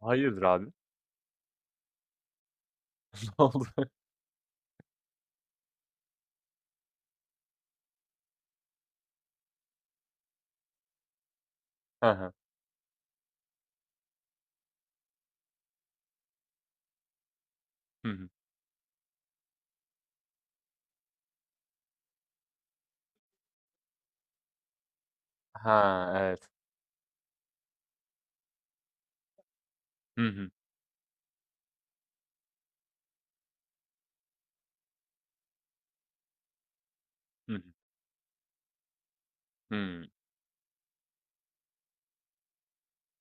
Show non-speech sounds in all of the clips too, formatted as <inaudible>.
Hayırdır abi? <laughs> Ne oldu? Hı hı. Hı hı. Ha, evet. Hı hı. Hı hı. Hımm.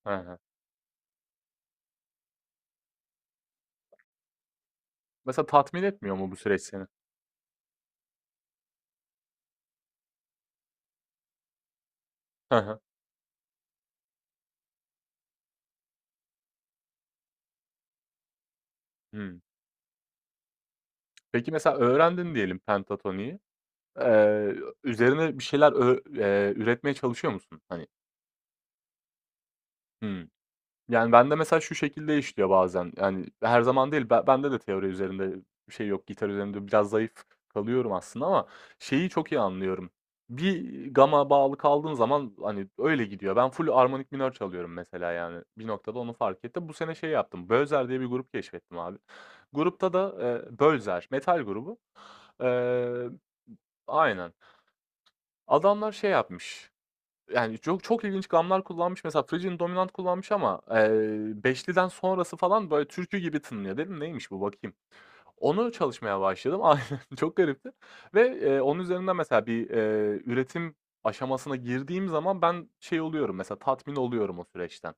Hı hı. Mesela tatmin etmiyor mu bu süreç seni? Hı hı. Hımm. Peki mesela öğrendin diyelim pentatoniyi. Eee, üzerine bir şeyler ö üretmeye çalışıyor musun? Hani. Hımm. Yani, bende mesela şu şekilde işliyor bazen, yani, her zaman değil, ben bende de teori üzerinde bir şey yok, gitar üzerinde biraz zayıf kalıyorum aslında ama şeyi çok iyi anlıyorum. Bir gama bağlı kaldığın zaman, hani, öyle gidiyor. Ben full armonik minör çalıyorum mesela, yani, bir noktada onu fark ettim. Bu sene şey yaptım, Bölzer diye bir grup keşfettim abi. Grupta da, Bölzer, metal grubu. Eee Aynen. Adamlar şey yapmış, yani, çok çok ilginç gamlar kullanmış. Mesela Phrygian Dominant kullanmış ama, 5'liden sonrası falan, böyle, türkü gibi tınlıyor. Dedim, "Neymiş bu, bakayım." Onu çalışmaya başladım. <laughs> Aynen, çok garipti ve, onun üzerinden mesela bir, üretim aşamasına girdiğim zaman ben şey oluyorum, mesela tatmin oluyorum o süreçten.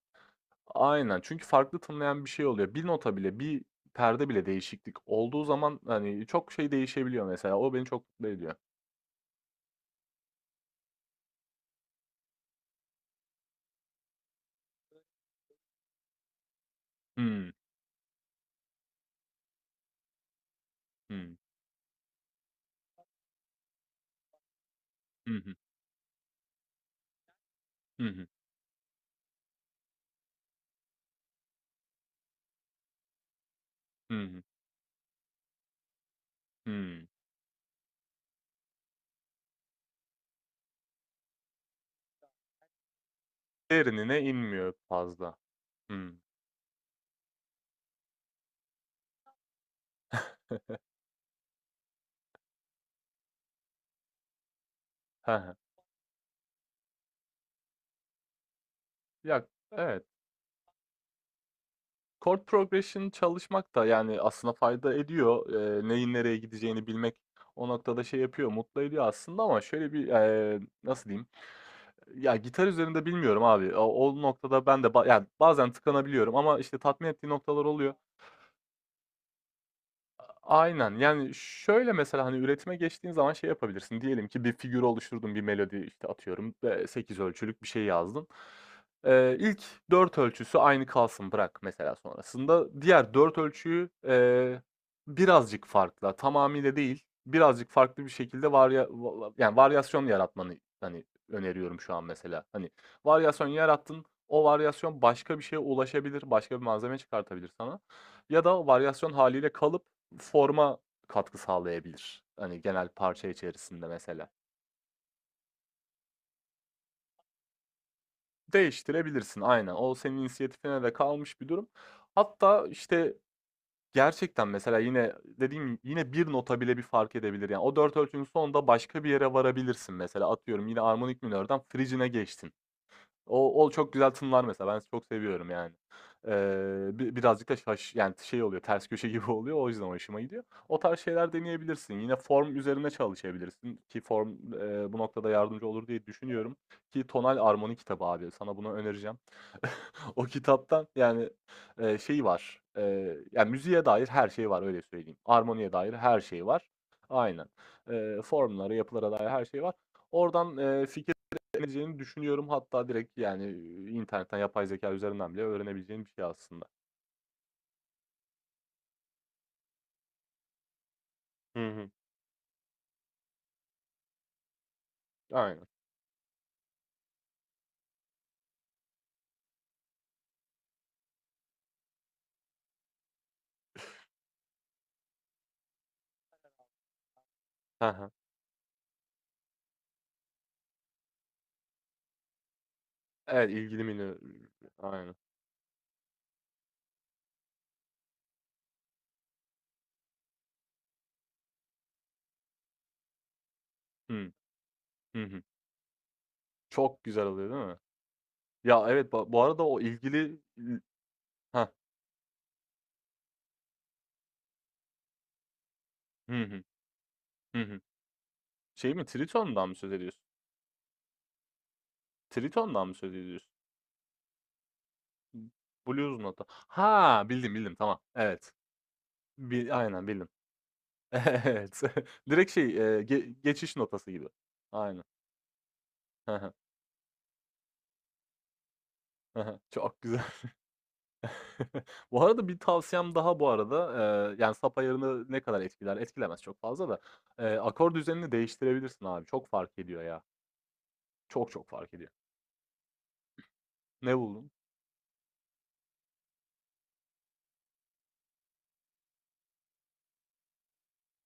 Aynen, çünkü farklı tınlayan bir şey oluyor. Bir nota bile, bir perde bile değişiklik olduğu zaman, hani, çok şey değişebiliyor mesela. O beni çok mutlu ediyor. Hımm. Hı. Hı hı. Hı hı. Hı hı. Derinine inmiyor fazla. Hımm. He he. <laughs> Ya, evet. Chord progression çalışmak da, yani, aslında fayda ediyor. Neyin nereye gideceğini bilmek o noktada şey yapıyor, mutlu ediyor aslında ama şöyle bir, nasıl diyeyim? Ya, gitar üzerinde bilmiyorum abi. O noktada ben de yani, bazen tıkanabiliyorum ama, işte, tatmin ettiği noktalar oluyor. Aynen. Yani, şöyle mesela, hani, üretime geçtiğin zaman şey yapabilirsin. Diyelim ki bir figür oluşturdun, bir melodi, işte, atıyorum, 8 ölçülük bir şey yazdın. İlk 4 ölçüsü aynı kalsın, bırak mesela sonrasında. Diğer 4 ölçüyü, birazcık farklı, tamamıyla değil, birazcık farklı bir şekilde varya va va yani, varyasyon yaratmanı, hani, öneriyorum şu an mesela. Hani, varyasyon yarattın, o varyasyon başka bir şeye ulaşabilir, başka bir malzeme çıkartabilir sana ya da o varyasyon haliyle kalıp forma katkı sağlayabilir. Hani genel parça içerisinde mesela. Değiştirebilirsin aynen. O senin inisiyatifine de kalmış bir durum. Hatta işte gerçekten mesela yine dediğim yine bir nota bile bir fark edebilir. Yani o dört ölçünün sonunda başka bir yere varabilirsin mesela. Atıyorum yine armonik minörden frigine geçtin. O çok güzel tınlar mesela. Ben çok seviyorum yani. Birazcık da yani şey oluyor, ters köşe <laughs> gibi oluyor. O yüzden hoşuma gidiyor. O tarz şeyler deneyebilirsin. Yine form üzerine çalışabilirsin ki form, bu noktada yardımcı olur diye düşünüyorum ki Tonal Armoni kitabı abi. Sana bunu önereceğim. <laughs> O kitaptan yani, şey var, ya müziğe dair her şey var öyle söyleyeyim. Armoniye dair her şey var. Aynen. Formlara, yapılara dair her şey var. Oradan, fikir öğrenebileceğini düşünüyorum. Hatta direkt, yani, internetten yapay zeka üzerinden bile öğrenebileceğin bir şey aslında. Hı hı. Aynen. Hı hı. Evet, ilgili menü. Aynen. Hı hı hı. Çok güzel oluyor değil mi? Ya, evet, bu arada o ilgili Hı hı. Hı hı. Şey mi, Triton'dan mı söz ediyorsun? Triton'dan mı söz ediyorsun? Blues Nota. Ha, bildim, bildim. Tamam. Evet. Bi aynen, bildim. <laughs> Evet. <laughs> Direkt şey, geçiş notası gibi. Aynen. <laughs> He he. Çok güzel. <laughs> Bu arada bir tavsiyem daha bu arada, yani, sap ayarını ne kadar etkiler? Etkilemez çok fazla da, akor düzenini değiştirebilirsin abi. Çok fark ediyor ya. Çok çok fark ediyor. Ne buldun?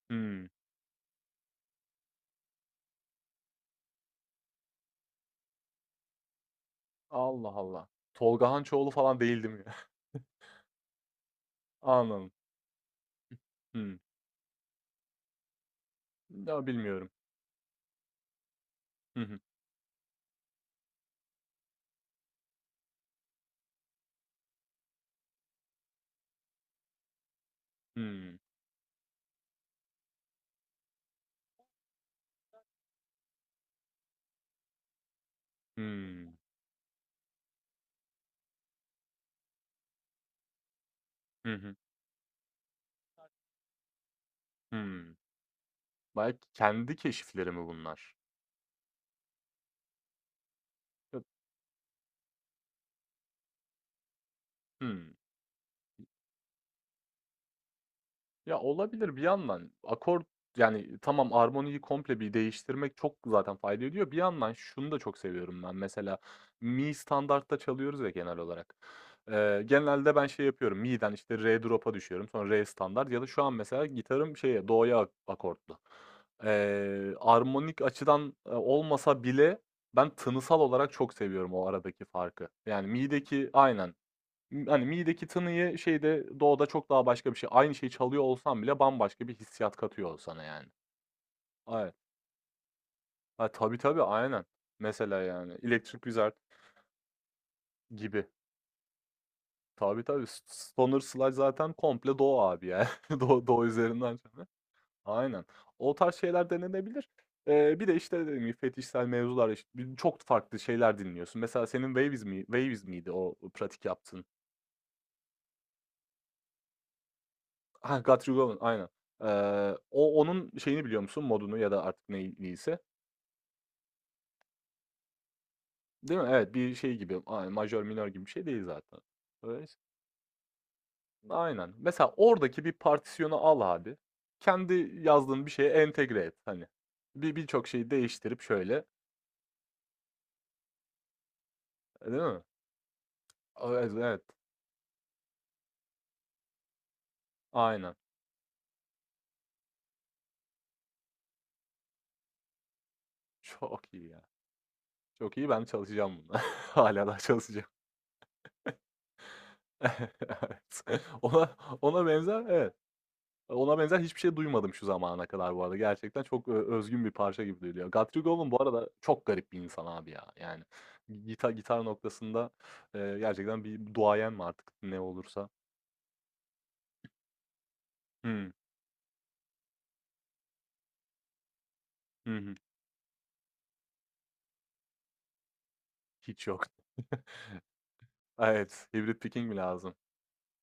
Hımm. Allah Allah. Tolga Hançoğlu falan değil, değil mi? <laughs> Anladım. Hımm. Ya, bilmiyorum. Hı hı. Hımm. Hımm. Hı hı. Hımm. Belki kendi keşifleri mi bunlar? Hımm. Ya, olabilir bir yandan. Yani tamam, armoniyi komple bir değiştirmek çok zaten fayda ediyor. Bir yandan şunu da çok seviyorum ben mesela, mi standartta çalıyoruz ya genel olarak. Genelde ben şey yapıyorum, mi'den işte re drop'a düşüyorum sonra re standart ya da şu an mesela gitarım şeye, do'ya akortlu. Armonik açıdan, olmasa bile ben tınısal olarak çok seviyorum o aradaki farkı. Yani mi'deki. Aynen. Hani, mi'deki tınıyı şeyde, doğuda çok daha başka bir şey. Aynı şeyi çalıyor olsan bile bambaşka bir hissiyat katıyor sana, yani. Ay ha, tabii, tabii, aynen. Mesela, yani, Electric Wizard gibi. Tabii, tabii. Stoner Sludge zaten komple do abi, yani. <laughs> Doğu do üzerinden çalıyor. Aynen. O tarz şeyler denenebilir. Bir de, işte, dediğim gibi fetişsel mevzular, çok farklı şeyler dinliyorsun. Mesela senin Waviz mi, Waviz miydi o pratik yaptığın? Ha, Got You Going, aynen. Onun şeyini biliyor musun? Modunu ya da artık neyse. Değil mi? Evet, bir şey gibi, aynen majör minör gibi bir şey değil zaten. Öyleyse aynen. Mesela oradaki bir partisyonu al abi. Kendi yazdığın bir şeye entegre et hani. Birçok şeyi değiştirip şöyle, değil mi? Evet, evet. Aynen. Çok iyi ya. Çok iyi. Ben çalışacağım buna. <laughs> Hâlâ daha çalışacağım. <laughs> Evet. Ona benzer, evet. Ona benzer hiçbir şey duymadım şu zamana kadar bu arada. Gerçekten çok, özgün bir parça gibi duyuluyor. Guthrie Govan bu arada çok garip bir insan abi ya. Yani gitar noktasında, gerçekten bir duayen mi artık ne olursa. Hımm. Hı hı. Hiç yok. <laughs> Evet, Hybrid Picking mi lazım?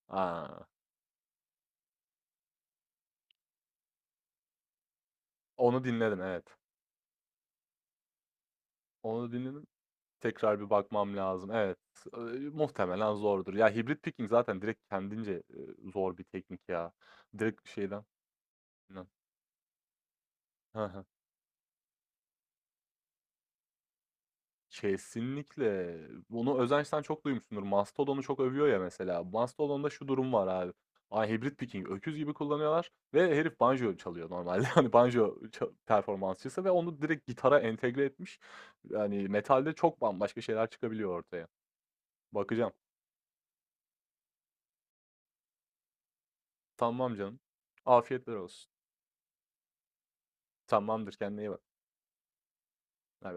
A! Onu dinledim, evet. Onu dinledim. Tekrar bir bakmam lazım. Evet, eee, muhtemelen zordur. Ya, Hybrid Picking zaten direkt kendince, zor bir teknik ya. Direkt şeyden. Hı hı. Kesinlikle. Bunu Özenç'ten çok duymuşsundur. Mastodon'u çok övüyor ya mesela. Mastodon'da şu durum var abi. Ay hibrit picking öküz gibi kullanıyorlar ve herif banjo çalıyor normalde. <laughs> Hani banjo performansçısı ve onu direkt gitara entegre etmiş. Yani metalde çok bambaşka şeyler çıkabiliyor ortaya. Bakacağım. Tamam canım. Afiyetler olsun. Tamamdır, kendine iyi bak. Bay bay.